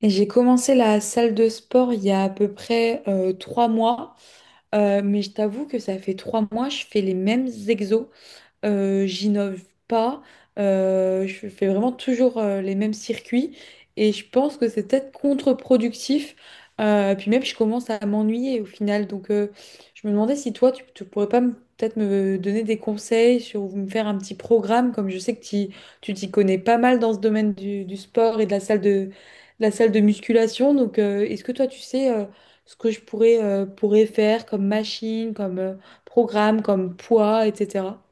Et j'ai commencé la salle de sport il y a à peu près 3 mois. Mais je t'avoue que ça fait 3 mois, je fais les mêmes exos, j'innove pas, je fais vraiment toujours les mêmes circuits, et je pense que c'est peut-être contre-productif. Puis même, je commence à m'ennuyer au final. Donc, je me demandais si toi, tu pourrais pas peut-être me donner des conseils, sur ou me faire un petit programme, comme je sais que tu t'y connais pas mal dans ce domaine du sport et de de, la salle de musculation. Donc, est-ce que toi, tu sais ce que je pourrais faire comme machine, comme programme, comme poids, etc.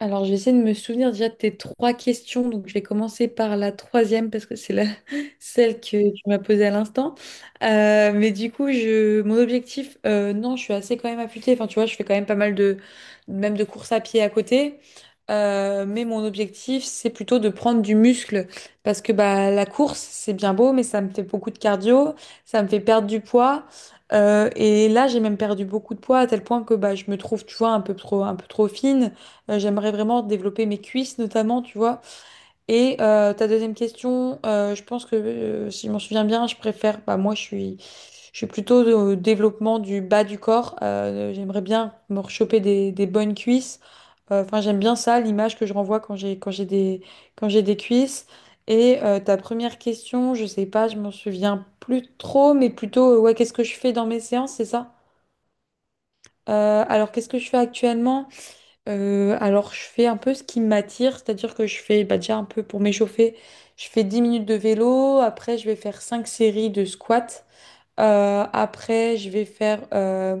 Alors, je vais essayer de me souvenir déjà de tes trois questions. Donc, je vais commencer par la troisième parce que c'est celle que tu m'as posée à l'instant. Mais du coup, mon objectif, non, je suis assez quand même affûtée. Enfin, tu vois, je fais quand même pas mal même de courses à pied à côté. Mais mon objectif, c'est plutôt de prendre du muscle, parce que bah, la course, c'est bien beau, mais ça me fait beaucoup de cardio, ça me fait perdre du poids. Et là, j'ai même perdu beaucoup de poids, à tel point que bah, je me trouve, tu vois, un peu trop fine. J'aimerais vraiment développer mes cuisses notamment, tu vois. Et ta deuxième question, je pense que si je m'en souviens bien, bah moi je suis plutôt au développement du bas du corps. J'aimerais bien me rechoper des bonnes cuisses. Enfin, j'aime bien ça, l'image que je renvoie quand j'ai des cuisses. Et ta première question, je sais pas, je m'en souviens plus trop, mais ouais, qu'est-ce que je fais dans mes séances, c'est ça? Alors, qu'est-ce que je fais actuellement? Alors, je fais un peu ce qui m'attire, c'est-à-dire que je fais bah, déjà un peu pour m'échauffer, je fais 10 minutes de vélo, après je vais faire 5 séries de squats. Après je vais faire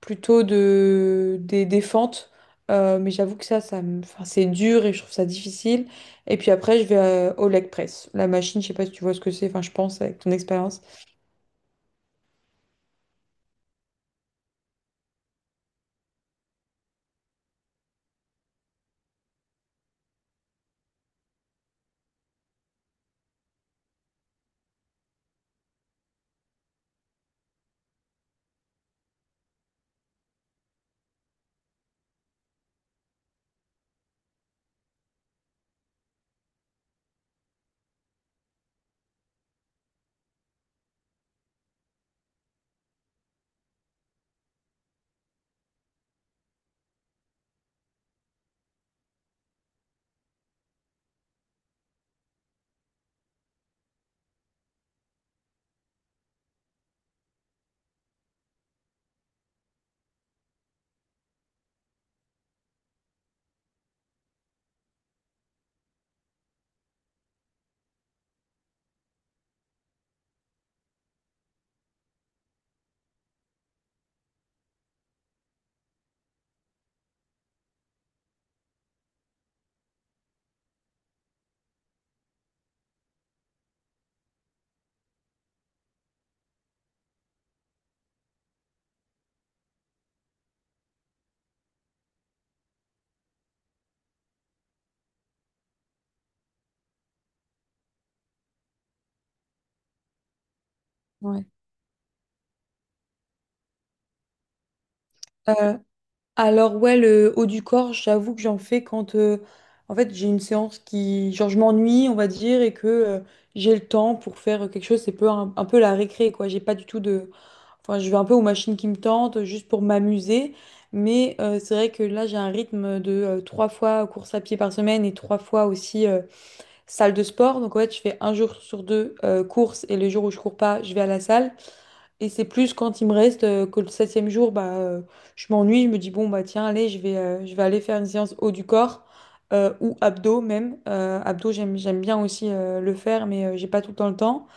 plutôt des fentes. Mais j'avoue que enfin, c'est dur et je trouve ça difficile. Et puis après, je vais au leg press, la machine, je sais pas si tu vois ce que c'est, enfin, je pense avec ton expérience. Ouais. Alors ouais, le haut du corps, j'avoue que j'en fais quand en fait j'ai une séance qui genre je m'ennuie, on va dire, et que j'ai le temps pour faire quelque chose, c'est un peu la récré quoi. J'ai pas du tout de, enfin, je vais un peu aux machines qui me tentent juste pour m'amuser. Mais c'est vrai que là j'ai un rythme de trois fois course à pied par semaine et trois fois aussi salle de sport. Donc en fait, je fais un jour sur deux, course, et les jours où je cours pas, je vais à la salle. Et c'est plus quand il me reste que le septième jour, bah, je m'ennuie, je me dis, bon, bah tiens, allez, je vais aller faire une séance haut du corps, ou abdos même. Abdos, j'aime bien aussi le faire, mais j'ai pas tout le temps le temps.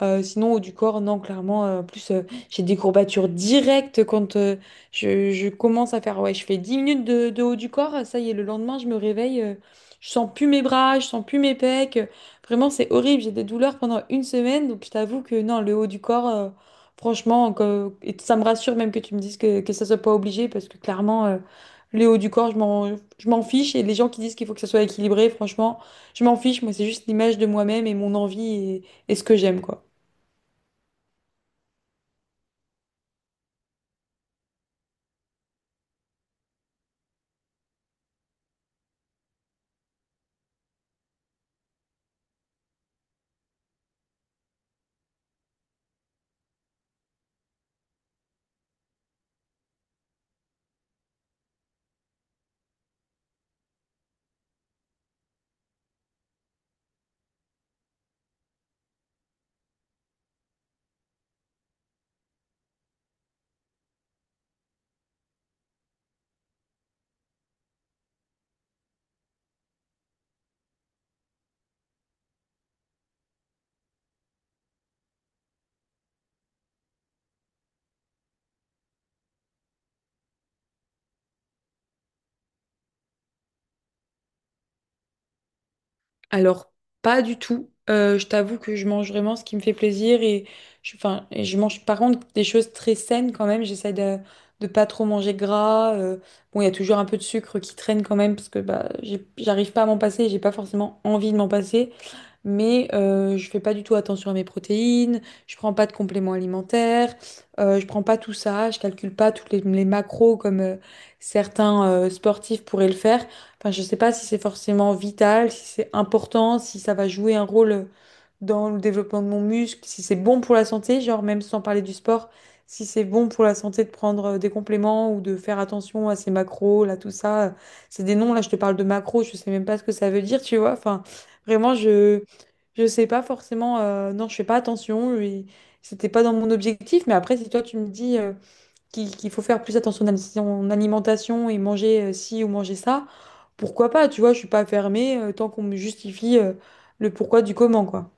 Sinon, haut du corps, non, clairement. En plus, j'ai des courbatures directes quand je commence à faire. Ouais, je fais 10 minutes de haut du corps. Ça y est, le lendemain, je me réveille. Je sens plus mes bras, je sens plus mes pecs. Vraiment, c'est horrible. J'ai des douleurs pendant une semaine. Donc, je t'avoue que non, le haut du corps, franchement, et ça me rassure même que tu me dises que ça soit pas obligé, parce que clairement, le haut du corps, je m'en fiche. Et les gens qui disent qu'il faut que ça soit équilibré, franchement, je m'en fiche. Moi, c'est juste l'image de moi-même et mon envie, et ce que j'aime, quoi. Alors, pas du tout. Je t'avoue que je mange vraiment ce qui me fait plaisir, et je, enfin, et je mange par contre des choses très saines quand même. J'essaie de pas trop manger gras. Bon, il y a toujours un peu de sucre qui traîne quand même, parce que bah, j'arrive pas à m'en passer, j'ai pas forcément envie de m'en passer. Mais je fais pas du tout attention à mes protéines, je prends pas de compléments alimentaires, je prends pas tout ça, je calcule pas toutes les macros comme certains sportifs pourraient le faire. Enfin, je sais pas si c'est forcément vital, si c'est important, si ça va jouer un rôle dans le développement de mon muscle, si c'est bon pour la santé, genre même sans parler du sport, si c'est bon pour la santé de prendre des compléments ou de faire attention à ses macros, là, tout ça. C'est des noms, là, je te parle de macros, je sais même pas ce que ça veut dire, tu vois. Enfin, vraiment, je sais pas forcément, non, je fais pas attention, et c'était pas dans mon objectif, mais après, si toi tu me dis qu'il faut faire plus attention à son alimentation et manger ci ou manger ça, pourquoi pas, tu vois, je suis pas fermée tant qu'on me justifie le pourquoi du comment, quoi.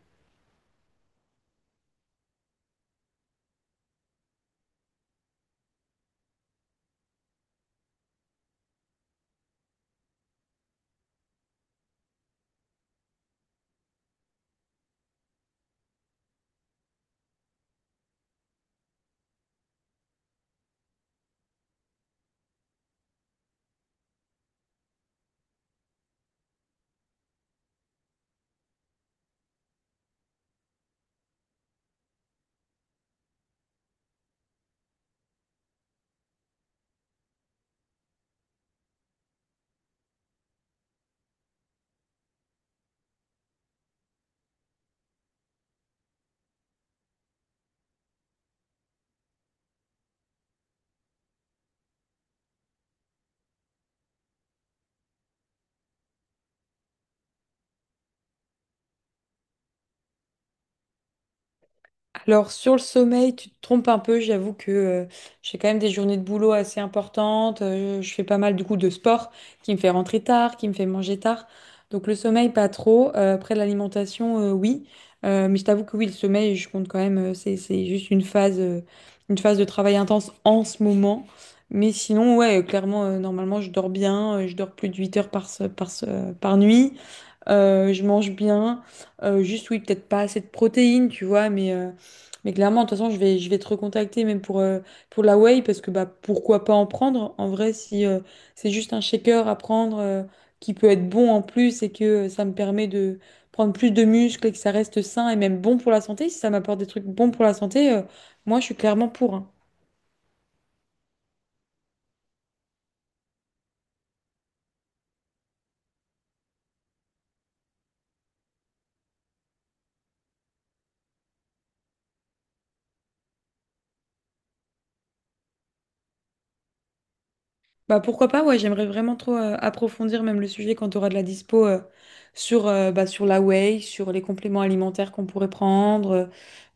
Alors sur le sommeil, tu te trompes un peu, j'avoue que j'ai quand même des journées de boulot assez importantes, je fais pas mal du coup de sport qui me fait rentrer tard, qui me fait manger tard. Donc le sommeil pas trop. Après l'alimentation, oui. Mais je t'avoue que oui, le sommeil je compte quand même, c'est juste une phase de travail intense en ce moment. Mais sinon ouais, clairement, normalement je dors bien, je dors plus de 8 heures par nuit. Je mange bien. Juste, oui, peut-être pas assez de protéines, tu vois, mais clairement, de toute façon, je vais te recontacter même pour la whey, parce que bah, pourquoi pas en prendre? En vrai, si c'est juste un shaker à prendre, qui peut être bon en plus, et que ça me permet de prendre plus de muscles, et que ça reste sain et même bon pour la santé, si ça m'apporte des trucs bons pour la santé, moi, je suis clairement pour, hein. Bah pourquoi pas, ouais, j'aimerais vraiment trop approfondir même le sujet quand tu auras de la dispo, bah, sur la whey, sur les compléments alimentaires qu'on pourrait prendre,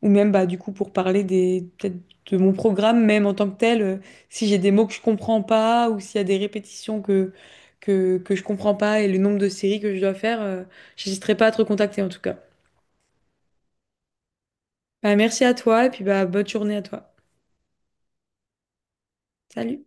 ou même bah du coup pour parler des peut-être de mon programme même en tant que tel, si j'ai des mots que je comprends pas, ou s'il y a des répétitions que je comprends pas, et le nombre de séries que je dois faire, j'hésiterai pas à te recontacter en tout cas. Bah, merci à toi, et puis bah bonne journée à toi. Salut!